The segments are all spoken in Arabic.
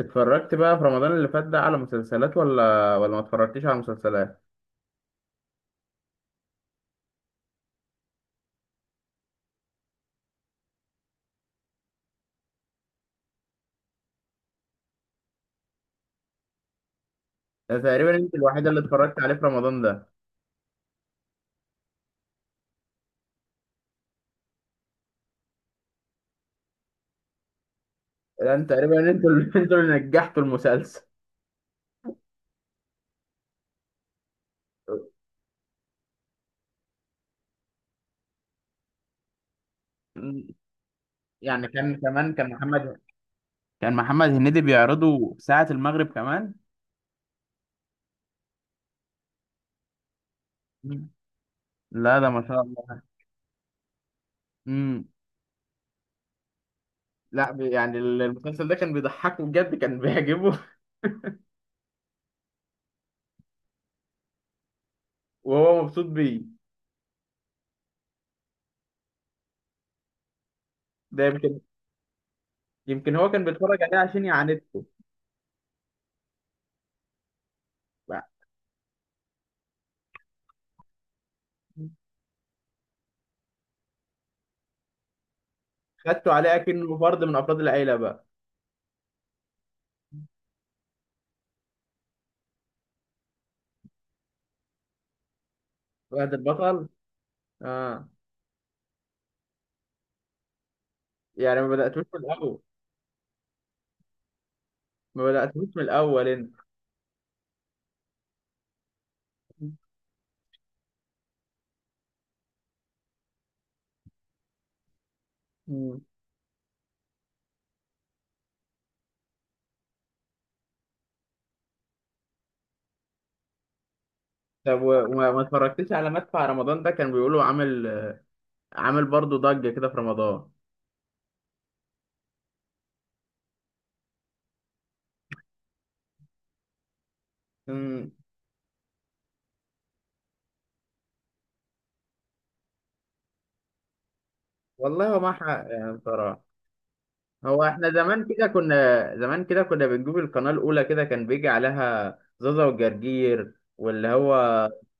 اتفرجت بقى في رمضان اللي فات ده على مسلسلات ولا ما اتفرجتش على مسلسلات؟ ده تقريبا انت الوحيده اللي اتفرجت عليه في رمضان ده. انت تقريبا انتوا اللي انتوا اللي نجحتوا المسلسل. يعني كان محمد هنيدي بيعرضه ساعة المغرب كمان. مم. لا ده ما شاء الله. امم لا المسلسل ده كان بيضحكه بجد، كان بيعجبه. وهو مبسوط بيه. ده يمكن، يمكن هو كان بيتفرج عليه عشان يعاندته. بقى. خدته عليه كأنه فرد من أفراد العيلة بقى. فهد البطل. اه. يعني ما بدأتوش من الأول، ما بدأتوش من الأول أنت. مم. طب و- وما ما اتفرجتش على مدفع رمضان ده؟ كان بيقولوا عامل برضه ضجة كده في رمضان. مم. والله ما حق يعني بصراحة. هو احنا زمان كده كنا، زمان كده كنا بنجيب القناة الأولى، كده كان بيجي عليها زازا والجرجير، واللي هو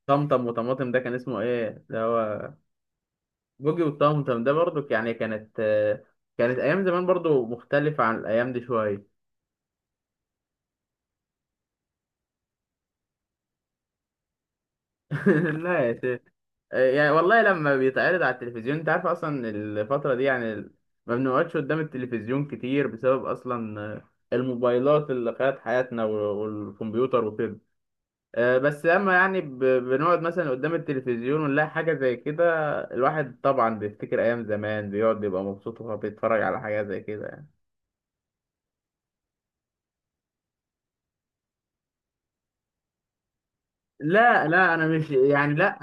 طمطم وطماطم، ده كان اسمه ايه اللي هو؟ بوجي وطمطم ده برضو يعني كانت، كانت أيام زمان برضو مختلفة عن الأيام دي شوية. لا يا شيخ. يعني والله لما بيتعرض على التلفزيون انت عارف اصلا الفترة دي يعني ما بنقعدش قدام التلفزيون كتير بسبب اصلا الموبايلات اللي خدت حياتنا والكمبيوتر وكده. بس لما يعني بنقعد مثلا قدام التلفزيون ونلاقي حاجة زي كده، الواحد طبعا بيفتكر ايام زمان، بيقعد بيبقى مبسوط وهو بيتفرج على حاجة زي كده يعني. لا انا مش يعني لا.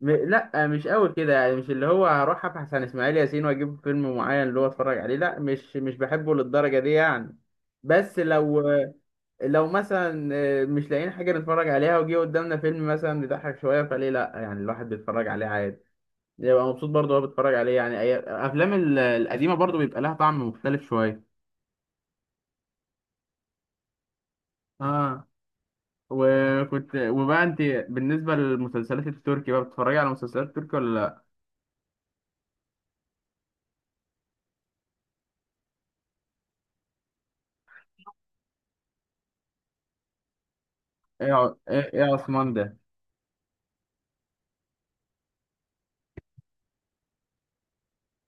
لا مش قوي كده يعني، مش اللي هو هروح ابحث عن اسماعيل ياسين واجيب فيلم معين اللي هو اتفرج عليه، لا مش بحبه للدرجه دي يعني. بس لو، لو مثلا، مش لاقيين حاجه نتفرج عليها وجي قدامنا فيلم مثلا بيضحك شويه، فليه لا يعني، الواحد بيتفرج عليه عادي، يبقى مبسوط برضه وهو بيتفرج عليه يعني. الافلام القديمه برضه بيبقى لها طعم مختلف شويه. اه. وكنت وبقى انت، بالنسبه للمسلسلات التركي بقى بتتفرجي على مسلسلات تركي ولا لا؟ ايه ايه إيه يا عثمان ده؟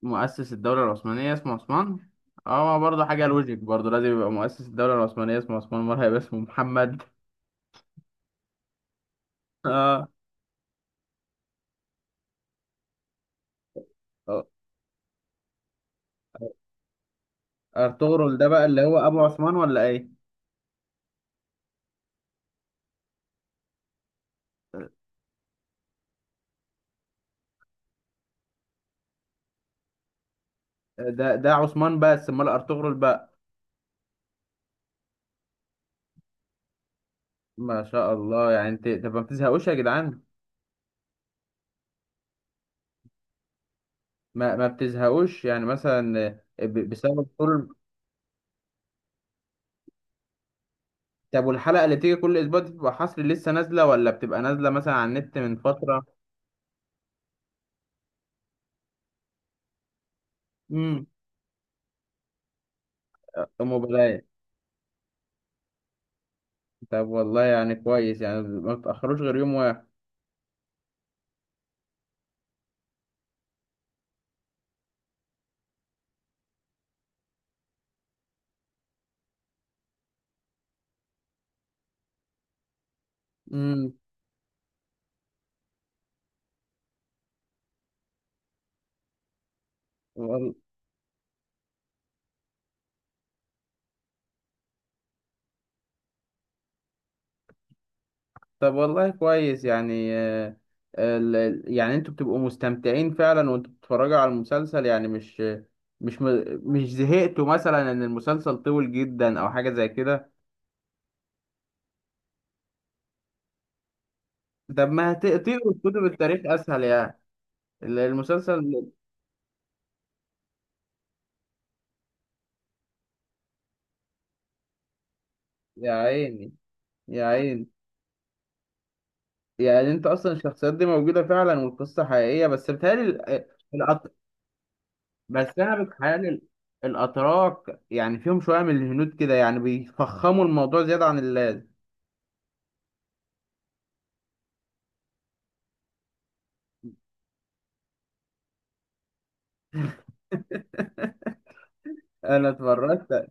مؤسس الدولة العثمانية اسمه عثمان؟ اه برضه حاجة لوجيك، برضه لازم يبقى مؤسس الدولة العثمانية اسمه عثمان، مرة هيبقى اسمه محمد. اه. آه. ارطغرل ده بقى اللي هو ابو عثمان ولا ايه؟ ده عثمان بس، امال ارطغرل بقى؟ ما شاء الله. يعني انت طب ما بتزهقوش يا جدعان؟ ما بتزهقوش يعني مثلا، بسبب كل. طب والحلقة اللي بتيجي كل اسبوع دي بتبقى حصر لسه نازلة، ولا بتبقى نازلة مثلا على النت من فترة؟ امم. موبايل. طب والله يعني كويس يعني ما بتأخروش غير يوم واحد. امم. وال- طب والله كويس يعني. يعني انتوا بتبقوا مستمتعين فعلا وانتوا بتتفرجوا على المسلسل، يعني مش، مش زهقتوا مثلا ان المسلسل طويل جدا او حاجة زي كده؟ طب ما تقروا كتب التاريخ اسهل يعني، المسلسل. يا عيني، يا عيني. يعني انت اصلا الشخصيات دي موجودة فعلا والقصة حقيقية بس بتهيألي؟ بس انا بتخيل الاتراك يعني فيهم شويه من الهنود كده، يعني بيفخموا الموضوع زياده عن اللازم. انا اتفرجت.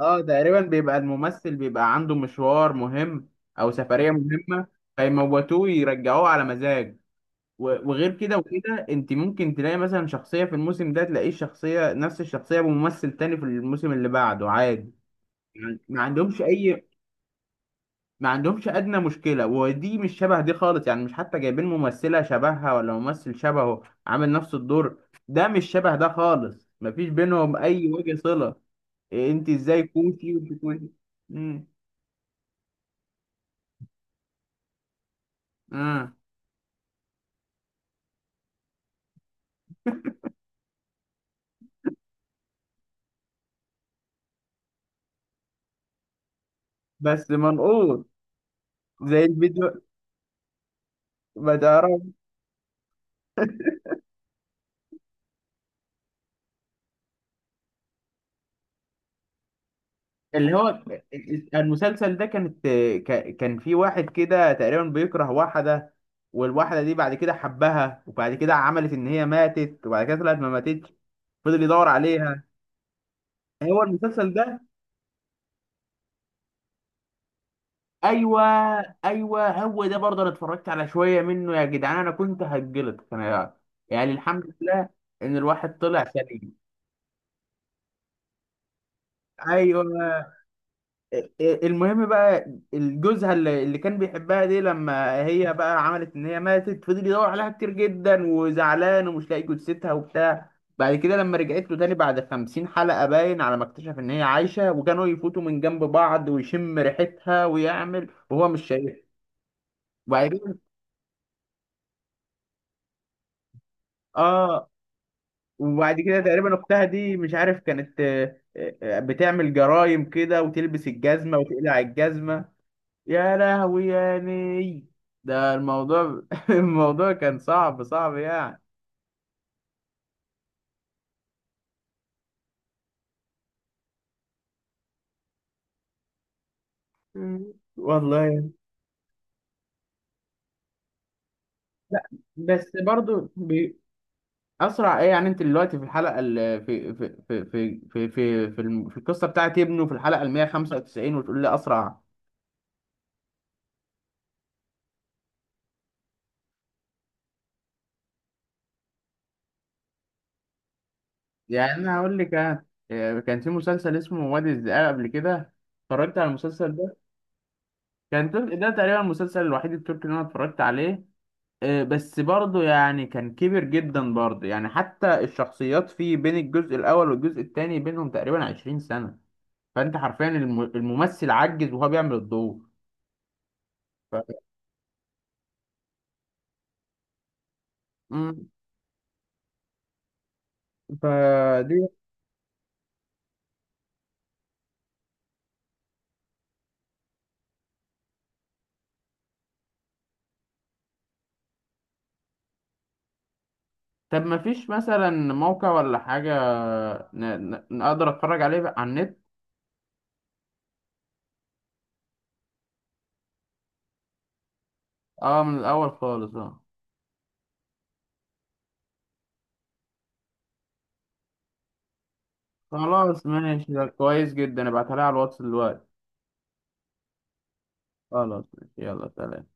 اه تقريبا بيبقى الممثل بيبقى عنده مشوار مهم او سفريه مهمه، فيموتوه يرجعوه على مزاج. و- وغير كده وكده انت ممكن تلاقي مثلا شخصيه في الموسم ده، تلاقيه شخصيه نفس الشخصيه بممثل تاني في الموسم اللي بعده عادي. يعني ما عندهمش اي، ما عندهمش ادنى مشكله. ودي مش شبه دي خالص يعني، مش حتى جايبين ممثله شبهها ولا ممثل شبهه عامل نفس الدور. ده مش شبه ده خالص، مفيش بينهم اي وجه صله. إيه انت ازاي كوشي وانت كوشي؟ امم. اه بس منقوط زي الفيديو، ما تعرف. اللي هو المسلسل ده كانت، كان في واحد كده تقريبا بيكره واحده، والواحده دي بعد كده حبها، وبعد كده عملت ان هي ماتت، وبعد كده طلعت ما ماتتش، فضل يدور عليها. هو المسلسل ده. ايوه، ايوه هو ده برضه انا اتفرجت على شويه منه يا جدعان، انا كنت هتجلط انا. يعني الحمد لله ان الواحد طلع سليم. ايوه. إيه، المهم بقى، الجوزها اللي كان بيحبها دي، لما هي بقى عملت ان هي ماتت فضل يدور عليها كتير جدا وزعلان ومش لاقي جثتها وبتاع. بعد كده لما رجعت له تاني بعد خمسين حلقة، باين على ما اكتشف ان هي عايشة، وكانوا يفوتوا من جنب بعض ويشم ريحتها ويعمل وهو مش شايف. اه. وبعد كده تقريبا اختها دي، مش عارف كانت، بتعمل جرايم كده وتلبس الجزمه وتقلع الجزمه. يا لهوي يا ني. ده الموضوع، الموضوع كان صعب يعني. مم. والله. لا بس برضو اسرع ايه يعني، انت دلوقتي في الحلقه في في القصه بتاعت ابنه في الحلقه ال 195 وتقول لي اسرع؟ يعني انا هقول لك أنا. كان في مسلسل اسمه وادي الذئاب قبل كده، اتفرجت على المسلسل ده؟ كان ده تقريبا المسلسل الوحيد التركي اللي انا اتفرجت عليه. بس برضه يعني كان كبير جدا برضه، يعني حتى الشخصيات فيه بين الجزء الاول والجزء الثاني بينهم تقريبا 20 سنة، فانت حرفيا الممثل عجز وهو بيعمل الدور. ف... مم. فدي، طب ما فيش مثلا موقع ولا حاجة نقدر اتفرج عليه بقى على النت؟ اه من الاول خالص، اه. خلاص ماشي، ده كويس جدا، ابعتها لي على الواتس دلوقتي. خلاص ماشي، يلا سلام.